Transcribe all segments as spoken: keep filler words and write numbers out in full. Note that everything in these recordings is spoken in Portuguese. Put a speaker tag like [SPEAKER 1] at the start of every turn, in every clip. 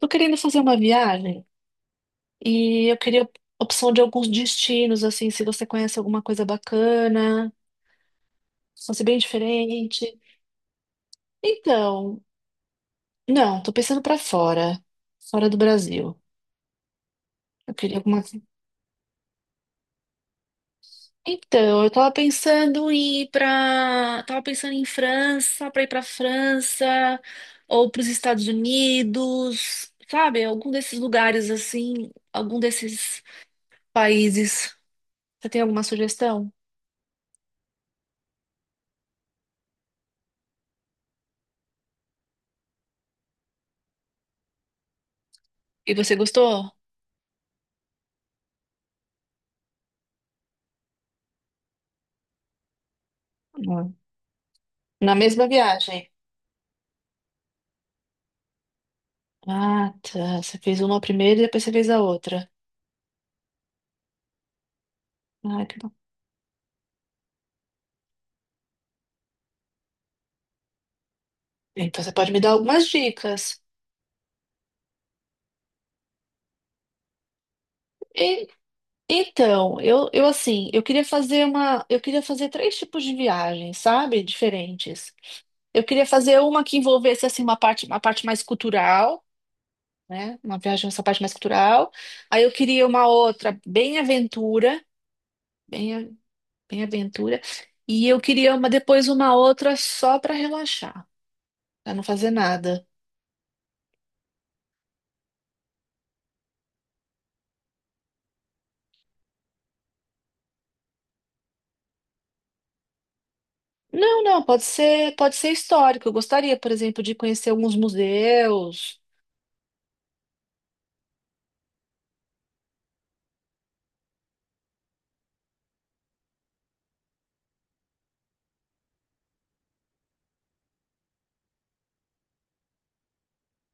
[SPEAKER 1] Tô querendo fazer uma viagem e eu queria opção de alguns destinos, assim, se você conhece alguma coisa bacana, se fosse bem diferente. Então, não, tô pensando pra fora, fora do Brasil. Eu queria alguma. Então, eu tava pensando em ir pra. Tava pensando em França, pra ir pra França ou pros Estados Unidos, sabe? Algum desses lugares assim, algum desses países. Você tem alguma sugestão? E você gostou? Na mesma viagem. Ah, tá. Você fez uma primeiro e depois você fez a outra. Ah, que bom. Então você pode me dar algumas dicas. E- então, eu, eu assim, eu queria fazer uma, eu queria fazer três tipos de viagens, sabe? Diferentes. Eu queria fazer uma que envolvesse assim uma parte, uma parte mais cultural, né? Uma viagem nessa parte mais cultural. Aí eu queria uma outra bem aventura, bem, a- bem aventura. E eu queria uma depois uma outra só para relaxar, para não fazer nada. Não, não, pode ser, pode ser histórico. Eu gostaria, por exemplo, de conhecer alguns museus.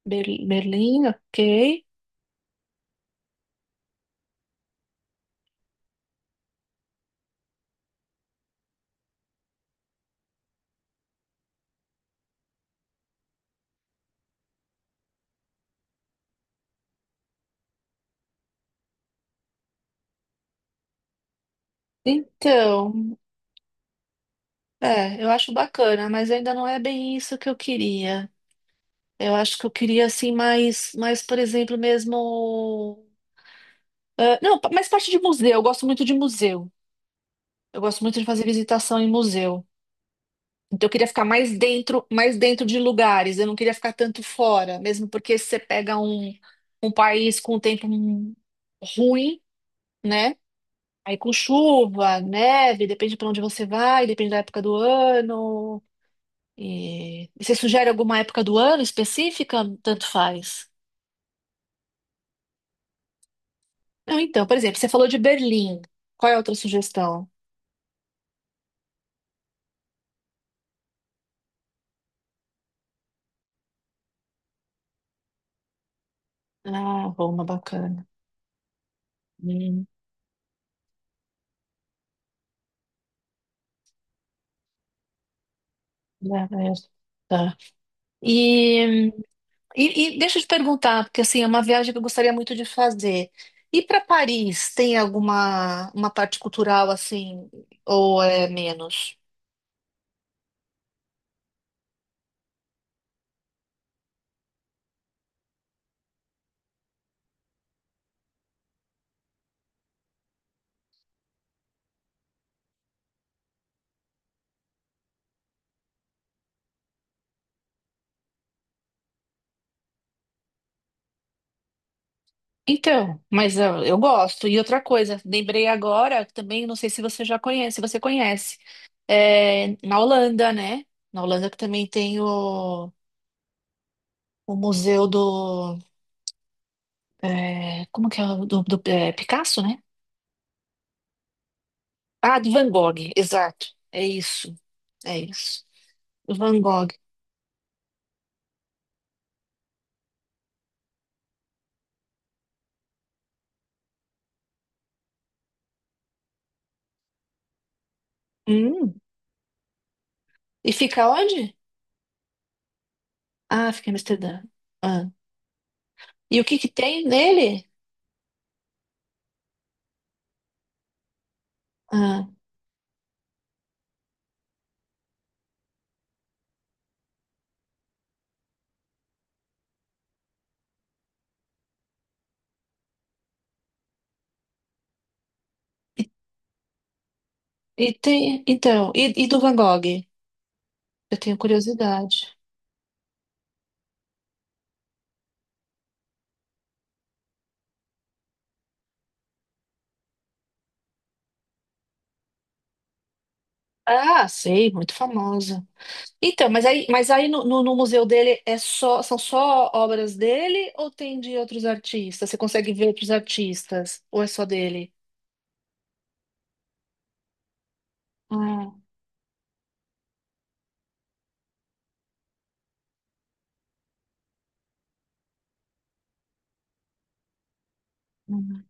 [SPEAKER 1] Ber- Berlim, ok. Então, é, eu acho bacana, mas ainda não é bem isso que eu queria. Eu acho que eu queria, assim, mais, mais, por exemplo, mesmo. Ah, não, pa- mais parte de museu. Eu gosto muito de museu. Eu gosto muito de fazer visitação em museu. Então, eu queria ficar mais dentro, mais dentro de lugares. Eu não queria ficar tanto fora, mesmo porque se você pega um, um país com um tempo hum, ruim, né? Aí com chuva, neve, depende para onde você vai, depende da época do ano. E... e você sugere alguma época do ano específica? Tanto faz. Não, então, por exemplo, você falou de Berlim. Qual é a outra sugestão? Ah, Roma, bacana. Hum, né, né, tá. E e, e deixa eu te perguntar, porque assim, é uma viagem que eu gostaria muito de fazer. E para Paris, tem alguma uma parte cultural assim, ou é menos? Então, mas eu, eu gosto. E outra coisa, lembrei agora, também não sei se você já conhece, se você conhece, é, na Holanda, né? Na Holanda que também tem o, o museu do, é, como que é, o- do, do é, Picasso, né? Ah, de Van Gogh, exato. É isso, é isso. Van Gogh. Hum. E fica onde? Ah, fica em Amsterdã. Ah. E o que que tem nele? Ah. E, e tem, então, e, e do Van Gogh? Eu tenho curiosidade. Ah, sei, muito famosa. Então, mas aí, mas aí no, no- no museu dele é só, são só obras dele ou tem de outros artistas? Você consegue ver outros artistas? Ou é só dele? Ah, hum.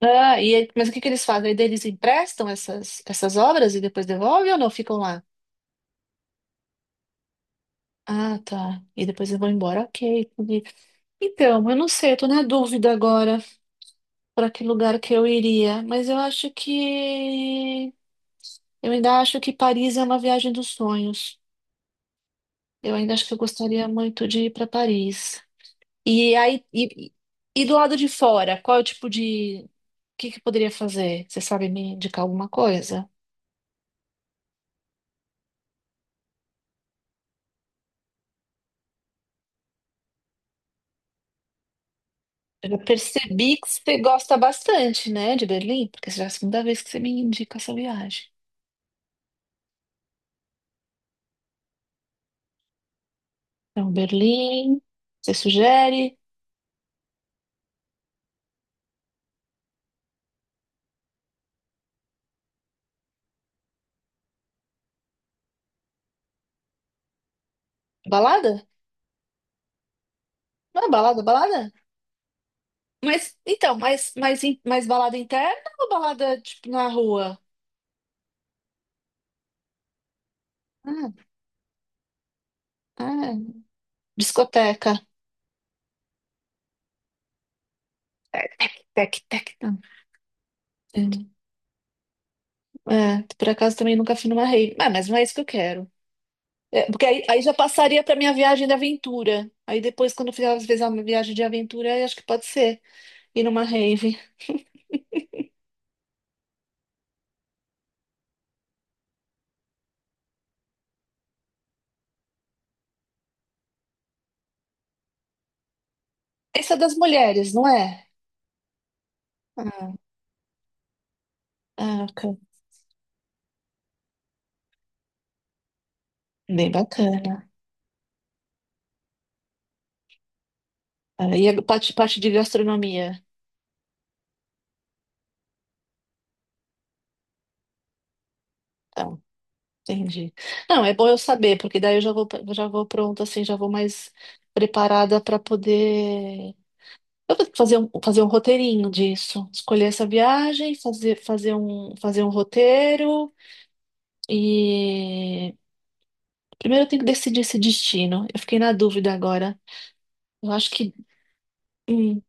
[SPEAKER 1] Ah, e, aí, mas o que que eles fazem? Aí eles emprestam essas, essas obras e depois devolvem ou não ficam lá? Ah, tá. E depois eu vou embora. Ok. Entendi. Então, eu não sei, eu tô na dúvida agora para que lugar que eu iria, mas eu acho que eu ainda acho que Paris é uma viagem dos sonhos. Eu ainda acho que eu gostaria muito de ir para Paris. E aí e, e do lado de fora, qual é o tipo de o que que eu poderia fazer? Você sabe me indicar alguma coisa? Eu já percebi que você gosta bastante, né, de Berlim, porque já é a segunda vez que você me indica essa viagem. Então, Berlim, você sugere? Balada? Não é balada, balada? Mas, então, mas, mas, in- mas balada interna ou balada, tipo, na rua? Ah, ah, discoteca. É, tec, tec, tec. Não, entendi. É, por acaso também nunca fui numa rave. Ah, mas não é isso que eu quero. É, porque aí, aí já passaria pra minha viagem de aventura. Aí depois, quando eu fizer, às vezes, uma viagem de aventura, aí acho que pode ser ir numa rave. Essa é das mulheres, não é? Ah, ah, ok. Bem bacana. Ah, e a parte, parte de gastronomia. Então, entendi. Não, é bom eu saber, porque daí eu já vou, já vou pronta, assim, já vou mais preparada para poder. Eu vou fazer um, fazer um roteirinho disso. Escolher essa viagem, fazer, fazer um, fazer um roteiro e. Primeiro eu tenho que decidir esse destino. Eu fiquei na dúvida agora. Eu acho que. hum,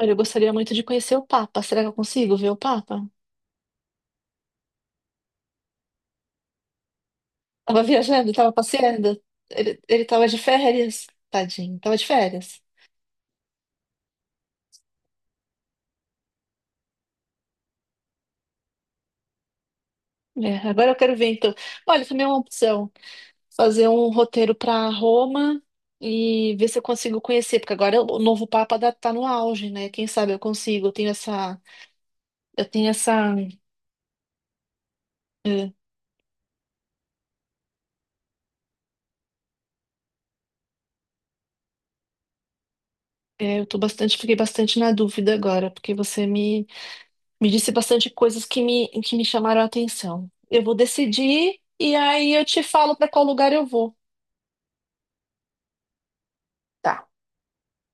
[SPEAKER 1] olha, eu gostaria muito de conhecer o Papa. Será que eu consigo ver o Papa? Tava viajando, tava passeando. Ele, ele tava de férias, tadinho, tava de férias. É, agora eu quero ver então. Olha, também é uma opção. Fazer um roteiro para Roma e ver se eu consigo conhecer, porque agora o novo Papa da- tá no auge, né? Quem sabe eu consigo. Eu tenho essa, eu tenho essa, é, é, eu tô bastante, fiquei bastante na dúvida agora, porque você me, me disse bastante coisas que me, que me chamaram a atenção. Eu vou decidir e aí eu te falo para qual lugar eu vou. Tá.